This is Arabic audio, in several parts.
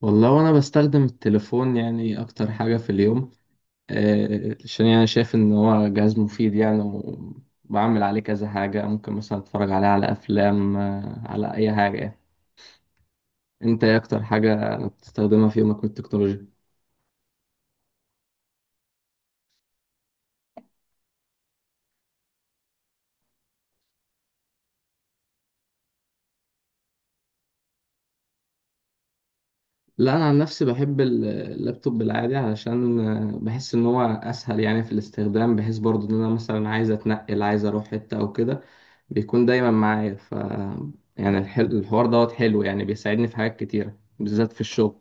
والله وانا بستخدم التليفون يعني اكتر حاجة في اليوم. عشان يعني شايف ان هو جهاز مفيد يعني. وبعمل عليه كذا حاجة، ممكن مثلا اتفرج عليه على افلام، على اي حاجة يعني. انت ايه اكتر حاجة بتستخدمها في يومك من التكنولوجيا؟ لا انا عن نفسي بحب اللابتوب العادي، علشان بحس ان هو اسهل يعني في الاستخدام، بحيث برضو ان انا مثلا عايز اتنقل، عايز اروح حتة او كده، بيكون دايما معايا. ف يعني الحوار دوت حلو يعني، بيساعدني في حاجات كتيرة بالذات في الشغل.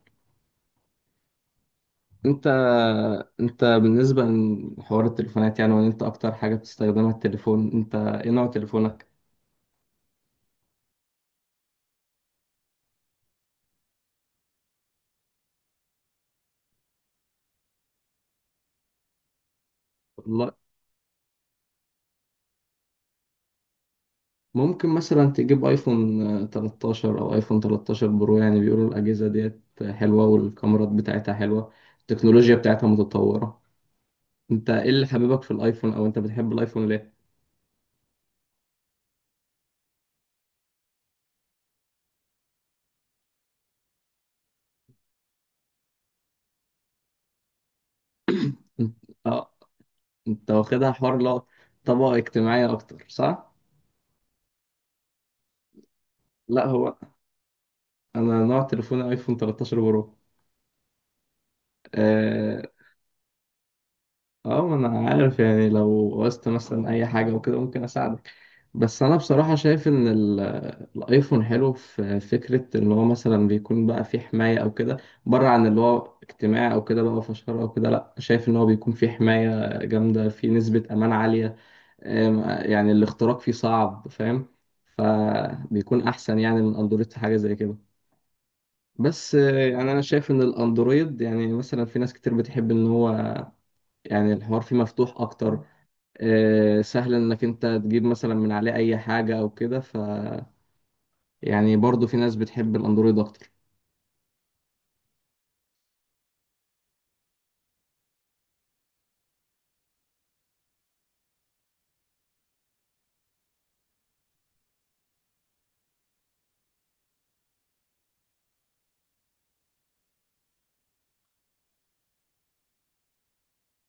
انت انت بالنسبة لحوار التليفونات يعني، وان انت اكتر حاجة بتستخدمها التليفون، انت ايه نوع تليفونك؟ ممكن مثلا تجيب ايفون، 13 او ايفون 13 برو. يعني بيقولوا الاجهزه ديت حلوه، والكاميرات بتاعتها حلوه، التكنولوجيا بتاعتها متطوره. انت ايه اللي حبيبك في الايفون، او انت بتحب الايفون ليه؟ انت، اه، انت واخدها حوار، لا، طبقه اجتماعيه اكتر، صح؟ لا هو انا نوع تليفوني ايفون 13 برو. اه، ما انا عارف يعني، لو وقست مثلا اي حاجه وكده ممكن اساعدك. بس انا بصراحة شايف ان الايفون حلو في فكرة ان هو مثلا بيكون بقى فيه حماية او كده، بره عن اللي هو اجتماع او كده بقى فشار او كده، لا شايف ان هو بيكون فيه حماية جامدة، فيه نسبة امان عالية. أم، يعني الاختراق فيه صعب، فاهم؟ فبيكون احسن يعني من اندرويد في حاجة زي كده. بس يعني انا شايف ان الاندرويد يعني مثلا في ناس كتير بتحب ان هو يعني الحوار فيه مفتوح اكتر، سهل انك انت تجيب مثلا من عليه اي حاجة او كده. ف يعني برضو في ناس بتحب الاندرويد اكتر.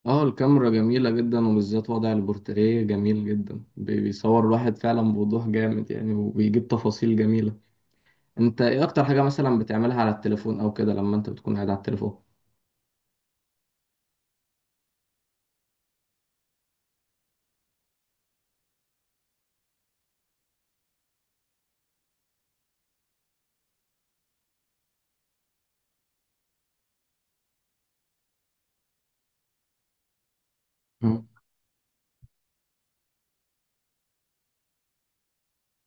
اه الكاميرا جميلة جدا، وبالذات وضع البورتريه جميل جدا، بيصور الواحد فعلا بوضوح جامد يعني، وبيجيب تفاصيل جميلة. انت ايه اكتر حاجة مثلا بتعملها على التليفون او كده لما انت بتكون قاعد على التليفون؟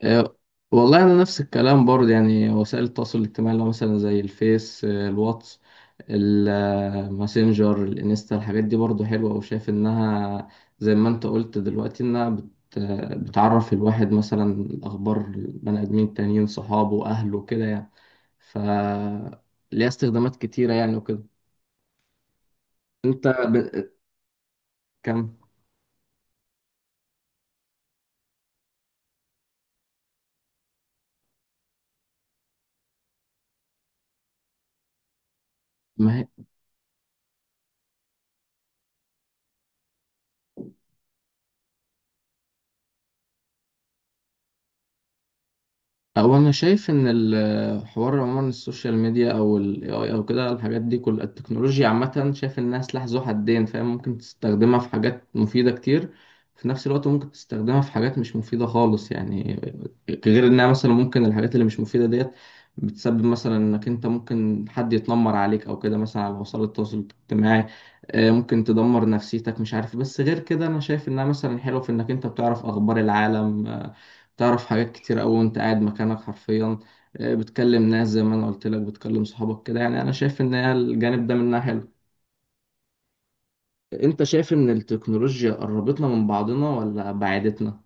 آه، والله انا نفس الكلام برضه يعني، وسائل التواصل الاجتماعي، اللي هو مثلا زي الفيس، الواتس، الماسنجر، الانستا، الحاجات دي برضه حلوه، وشايف انها زي ما انت قلت دلوقتي انها بتعرف الواحد مثلا الاخبار، البني ادمين التانيين، صحابه، اهله، كده يعني. ف ليها استخدامات كتيره يعني وكده. انت ب... كم؟ ما هي هو انا شايف ان الحوار عموما، السوشيال ميديا او ال AI او كده، الحاجات دي كل التكنولوجيا عامه، شايف انها سلاح ذو حدين، فاهم؟ ممكن تستخدمها في حاجات مفيده كتير، في نفس الوقت ممكن تستخدمها في حاجات مش مفيده خالص يعني. غير انها مثلا ممكن الحاجات اللي مش مفيده ديت بتسبب مثلا انك انت ممكن حد يتنمر عليك او كده مثلا على وسائل التواصل الاجتماعي. ممكن تدمر نفسيتك مش عارف. بس غير كده انا شايف انها مثلا حلوه في انك انت بتعرف اخبار العالم، تعرف حاجات كتير أوي وأنت قاعد مكانك حرفيا. بتكلم ناس زي ما أنا قلت لك، بتكلم صحابك كده يعني. أنا شايف إن هي الجانب ده منها حلو. أنت شايف إن التكنولوجيا قربتنا من بعضنا ولا بعدتنا؟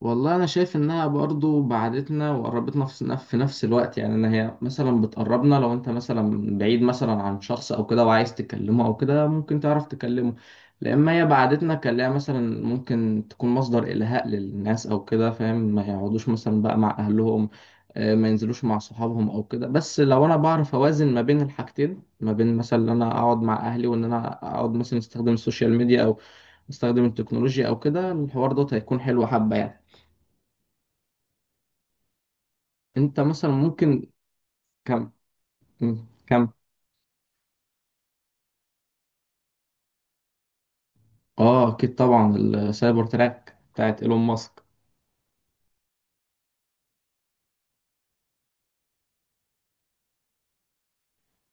والله انا شايف انها برضو بعدتنا وقربتنا في في نفس الوقت يعني. انا هي مثلا بتقربنا لو انت مثلا بعيد مثلا عن شخص او كده وعايز تكلمه او كده ممكن تعرف تكلمه. لما هي بعدتنا كلها مثلا ممكن تكون مصدر الهاء للناس او كده، فاهم؟ ما يقعدوش مثلا بقى مع اهلهم، ما ينزلوش مع صحابهم او كده. بس لو انا بعرف اوازن ما بين الحاجتين، ما بين مثلا ان انا اقعد مع اهلي وان انا اقعد مثلا استخدم السوشيال ميديا او استخدم التكنولوجيا او كده، الحوار دوت هيكون حلو حبة يعني. انت مثلا ممكن كم؟ كم؟ اه اكيد طبعا، السايبر تراك بتاعت ايلون ماسك.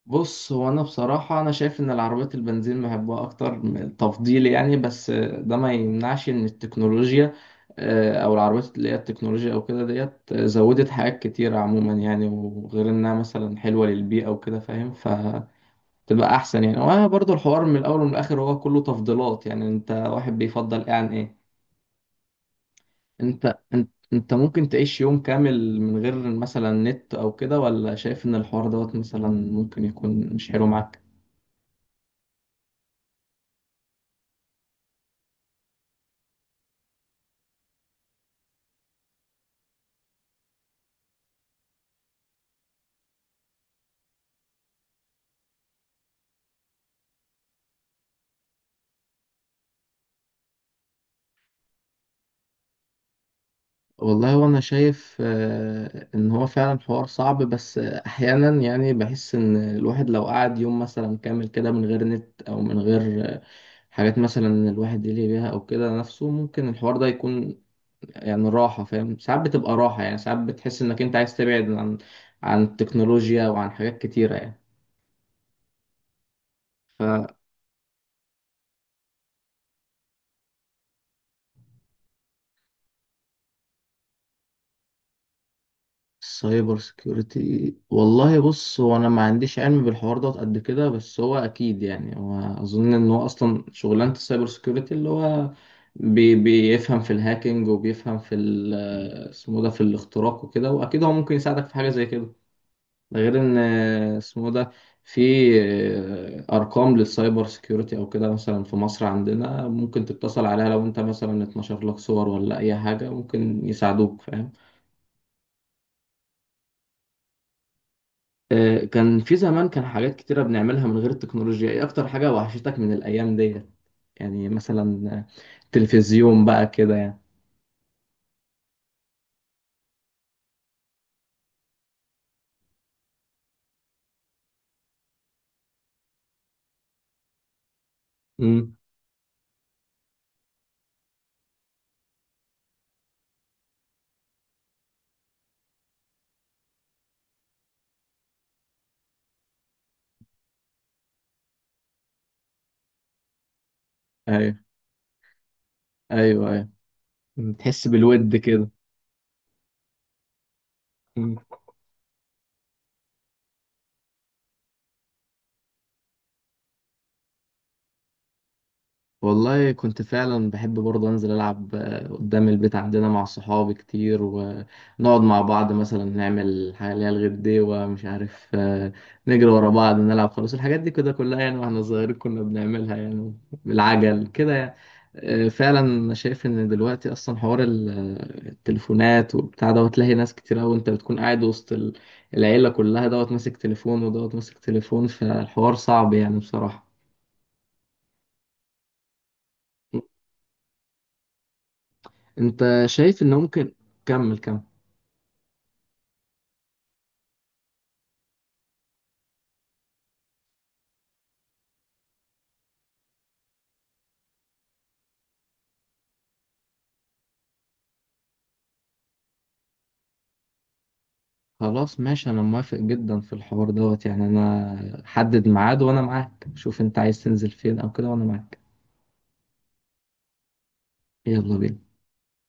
بص هو انا بصراحه انا شايف ان العربيات البنزين بحبها اكتر تفضيلي يعني. بس ده ما يمنعش ان التكنولوجيا، او العربيات اللي هي التكنولوجيا او كده ديت، زودت حاجات كتيره عموما يعني، وغير انها مثلا حلوه للبيئه وكده، فاهم؟ ف تبقى احسن يعني. وبرضه الحوار من الاول ومن الاخر هو كله تفضيلات يعني، انت واحد بيفضل ايه عن ايه. انت ممكن تعيش يوم كامل من غير مثلا نت او كده، ولا شايف ان الحوار دوت مثلا ممكن يكون مش حلو معاك؟ والله وانا شايف، ان هو فعلا حوار صعب. بس احيانا يعني بحس ان الواحد لو قعد يوم مثلا كامل كده من غير نت او من غير، حاجات مثلا الواحد يلهي بيها او كده نفسه، ممكن الحوار ده يكون يعني راحة، فاهم؟ ساعات بتبقى راحة يعني، ساعات بتحس انك انت عايز تبعد عن عن التكنولوجيا وعن حاجات كتيرة يعني. سايبر سيكيورتي، والله بص هو انا ما عنديش علم بالحوار ده قد كده. بس هو اكيد يعني، هو اظن ان هو اصلا شغلانه السايبر سيكيورتي اللي هو بيفهم في الهاكينج، وبيفهم في اسمه ده، في الاختراق وكده، واكيد هو ممكن يساعدك في حاجه زي كده. ده غير ان اسمه ده في ارقام للسايبر سيكيورتي او كده مثلا في مصر عندنا، ممكن تتصل عليها لو انت مثلا اتنشر لك صور ولا اي حاجه ممكن يساعدوك، فاهم؟ كان في زمان كان حاجات كتيرة بنعملها من غير التكنولوجيا، ايه اكتر حاجة وحشتك من الايام ديت؟ يعني مثلا، تلفزيون بقى كده يعني. امم، ايوه ايوه ايوه. مم. تحس بالود كده. والله كنت فعلا بحب برضه انزل العب، قدام البيت عندنا مع صحابي كتير، ونقعد مع بعض مثلا نعمل حاجه اللي هي الغديوه، مش عارف، نجري ورا بعض، نلعب خلاص، الحاجات دي كده كلها يعني واحنا صغيرين كنا بنعملها يعني، بالعجل كده يعني. فعلا انا شايف ان دلوقتي اصلا حوار التليفونات وبتاع دوت، تلاقي ناس كتير قوي، انت بتكون قاعد وسط العيله كلها، دوت ماسك تليفون ودوت ماسك تليفون، فالحوار صعب يعني بصراحه. انت شايف ان ممكن كمل. خلاص ماشي، انا موافق جدا في الحوار دوت يعني، انا حدد ميعاد وانا معاك، شوف انت عايز تنزل فين او كده وانا معاك. يلا بينا.